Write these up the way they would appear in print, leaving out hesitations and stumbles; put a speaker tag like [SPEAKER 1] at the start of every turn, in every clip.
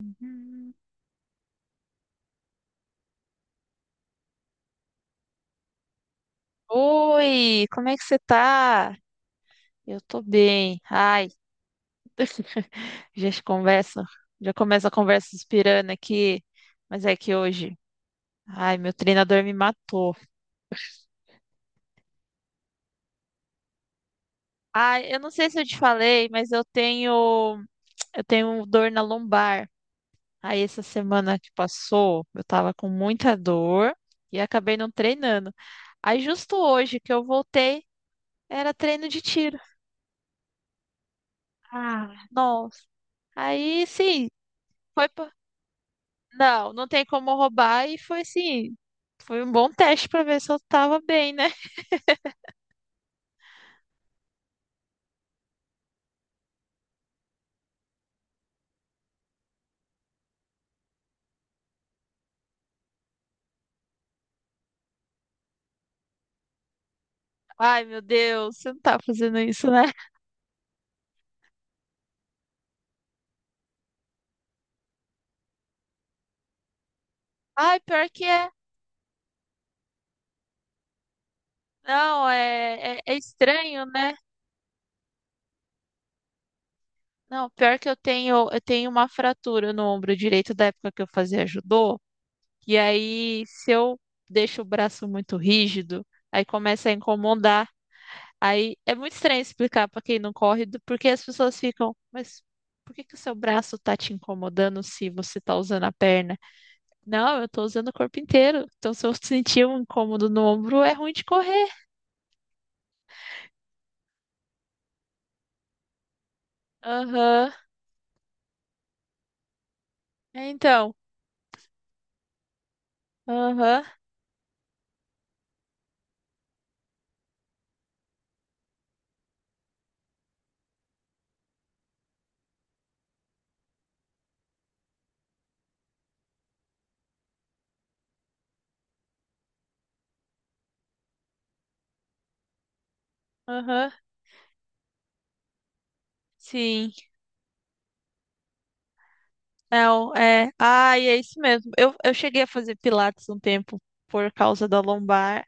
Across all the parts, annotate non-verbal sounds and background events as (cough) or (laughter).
[SPEAKER 1] Hum. Oi, como é que você tá? Eu tô bem. Ai, (laughs) já se conversa, já começa a conversa inspirando aqui, mas é que hoje, ai, meu treinador me matou. Ai, eu não sei se eu te falei, mas eu tenho dor na lombar. Aí essa semana que passou, eu tava com muita dor e acabei não treinando. Aí justo hoje que eu voltei, era treino de tiro. Ah, nossa. Aí sim, foi. Não, não tem como roubar e foi um bom teste pra ver se eu tava bem, né? (laughs) Ai, meu Deus, você não tá fazendo isso, né? Ai, pior que é. Não, é estranho, né? Não, pior que eu tenho uma fratura no ombro direito da época que eu fazia judô, e aí se eu deixo o braço muito rígido, aí começa a incomodar. Aí é muito estranho explicar pra quem não corre, porque as pessoas ficam, mas por que que o seu braço tá te incomodando se você tá usando a perna? Não, eu tô usando o corpo inteiro. Então, se eu sentir um incômodo no ombro, é ruim de correr. Aham. É, então. Aham. Aham. Sim. Não, é. Ai, é isso mesmo. Eu cheguei a fazer pilates um tempo por causa da lombar.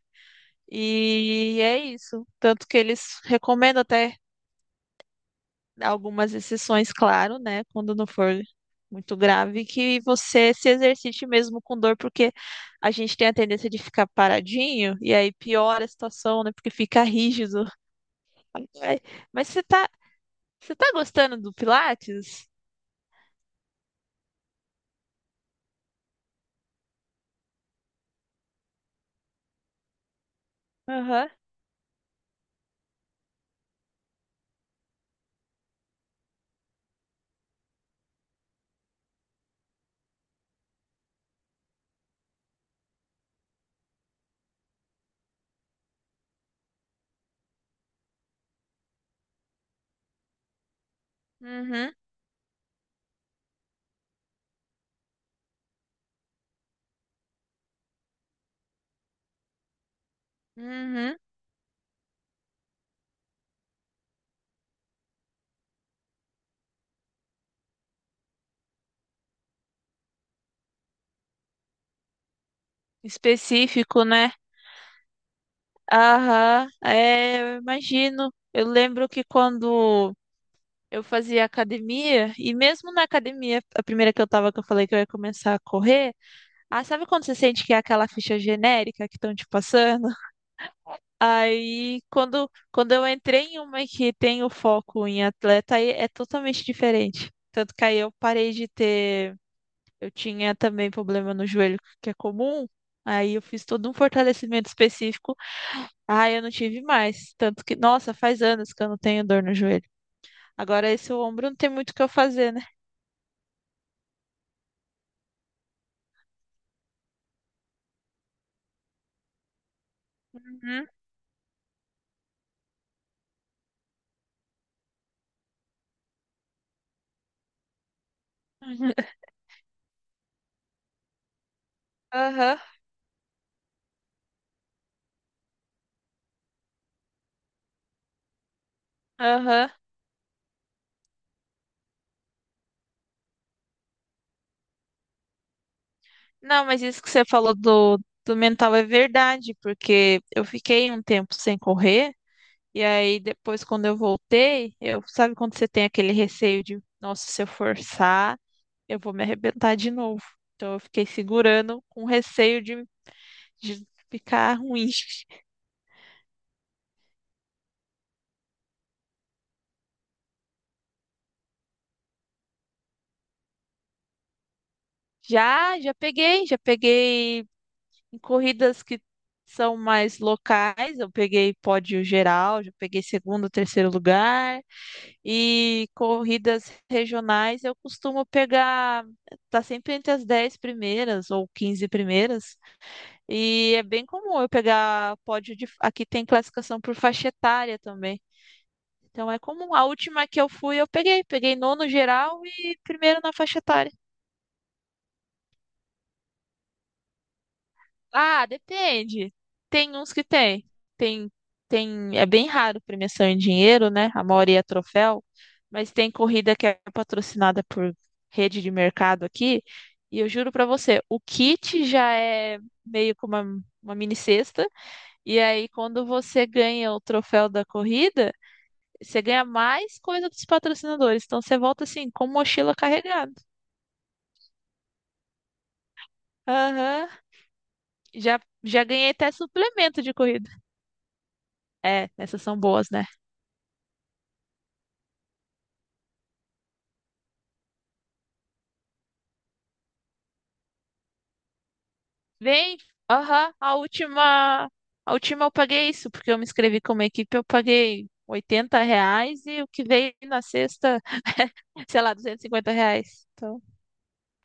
[SPEAKER 1] E é isso. Tanto que eles recomendam até algumas exceções, claro, né? Quando não for muito grave, que você se exercite mesmo com dor, porque a gente tem a tendência de ficar paradinho e aí piora a situação, né? Porque fica rígido. Ai, mas você tá gostando do Pilates? Aham. Uhum. Uhum. Específico, né? Aham. É, eu imagino. Eu lembro que quando eu fazia academia, e mesmo na academia, a primeira que eu tava, que eu falei que eu ia começar a correr. Ah, sabe quando você sente que é aquela ficha genérica que estão te passando? Aí, quando eu entrei em uma que tem o foco em atleta, aí é totalmente diferente. Tanto que aí eu parei de ter. Eu tinha também problema no joelho, que é comum. Aí eu fiz todo um fortalecimento específico. Aí eu não tive mais. Tanto que, nossa, faz anos que eu não tenho dor no joelho. Agora esse ombro não tem muito o que eu fazer, né? Uhum. (laughs) Aham, aham. Não, mas isso que você falou do mental é verdade, porque eu fiquei um tempo sem correr, e aí depois, quando eu voltei, eu sabe quando você tem aquele receio de, nossa, se eu forçar, eu vou me arrebentar de novo. Então eu fiquei segurando com receio de ficar ruim. (laughs) Já, já peguei em corridas que são mais locais, eu peguei pódio geral, já peguei segundo, terceiro lugar. E corridas regionais eu costumo pegar, tá sempre entre as 10 primeiras ou 15 primeiras. E é bem comum eu pegar pódio de. Aqui tem classificação por faixa etária também. Então é comum. A última que eu fui, eu peguei. Peguei nono geral e primeiro na faixa etária. Ah, depende. Tem uns que tem. Tem, tem, é bem raro premiação em dinheiro, né? A maioria é troféu, mas tem corrida que é patrocinada por rede de mercado aqui, e eu juro pra você, o kit já é meio que uma mini cesta, e aí quando você ganha o troféu da corrida, você ganha mais coisa dos patrocinadores, então você volta assim, com mochila carregada. Aham. Já ganhei até suplemento de corrida. É, essas são boas, né? Vem, aham, a última eu paguei isso, porque eu me inscrevi como equipe, eu paguei R$ 80 e o que veio na sexta, (laughs) sei lá, R$ 250. Então,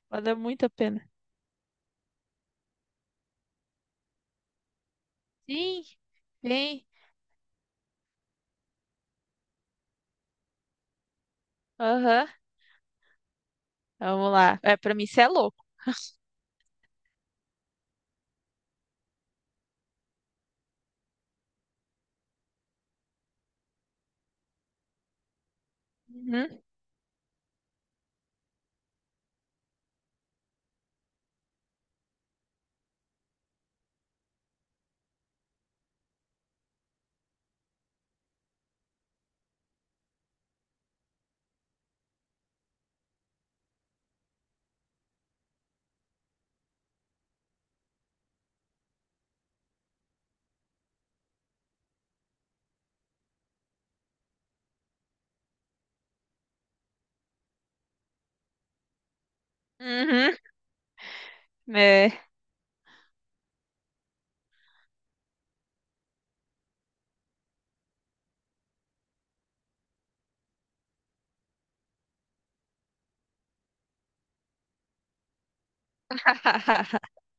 [SPEAKER 1] valeu muito a pena. Sim, vem, aham, vamos lá. É, pra mim isso é louco. Uhum, uhum, é. (laughs)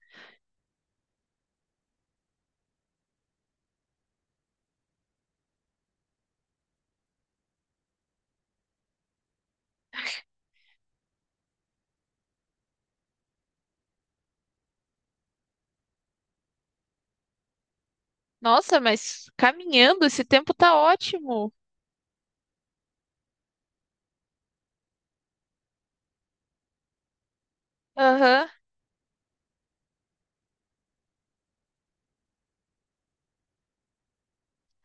[SPEAKER 1] Nossa, mas caminhando, esse tempo tá ótimo. Aham,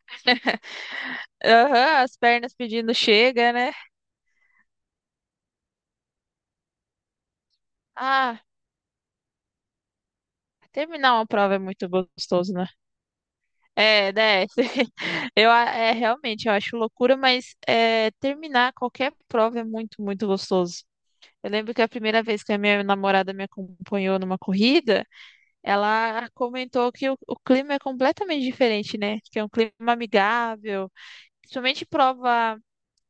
[SPEAKER 1] (laughs) aham, as pernas pedindo chega, né? Ah, terminar uma prova é muito gostoso, né? É, né? (laughs) É, realmente, eu acho loucura, mas é, terminar qualquer prova é muito, muito gostoso. Eu lembro que a primeira vez que a minha namorada me acompanhou numa corrida, ela comentou que o clima é completamente diferente, né? Que é um clima amigável, principalmente prova,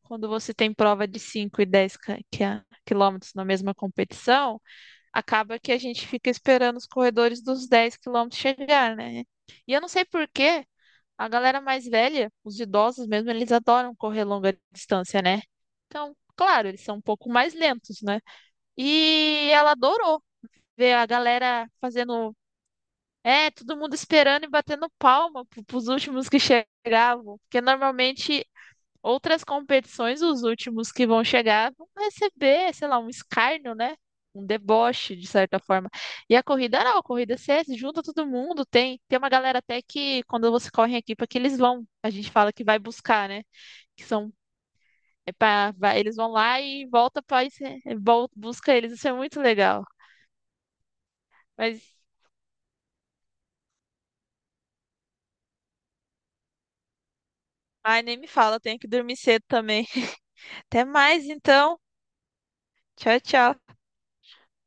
[SPEAKER 1] quando você tem prova de 5 e 10 quilômetros na mesma competição, acaba que a gente fica esperando os corredores dos 10 quilômetros chegar, né? E eu não sei porquê. A galera mais velha, os idosos mesmo, eles adoram correr longa distância, né? Então, claro, eles são um pouco mais lentos, né? E ela adorou ver a galera fazendo. É, todo mundo esperando e batendo palma pros últimos que chegavam. Porque normalmente outras competições, os últimos que vão chegar, vão receber, sei lá, um escárnio, né? Um deboche, de certa forma. E a corrida não, a corrida você junta todo mundo, tem uma galera até que quando você corre em equipa que eles vão, a gente fala que vai buscar, né? Que são, é pra, eles vão lá e volta para busca eles, isso é muito legal. Mas, ai, nem me fala, eu tenho que dormir cedo também. Até mais, então. Tchau, tchau.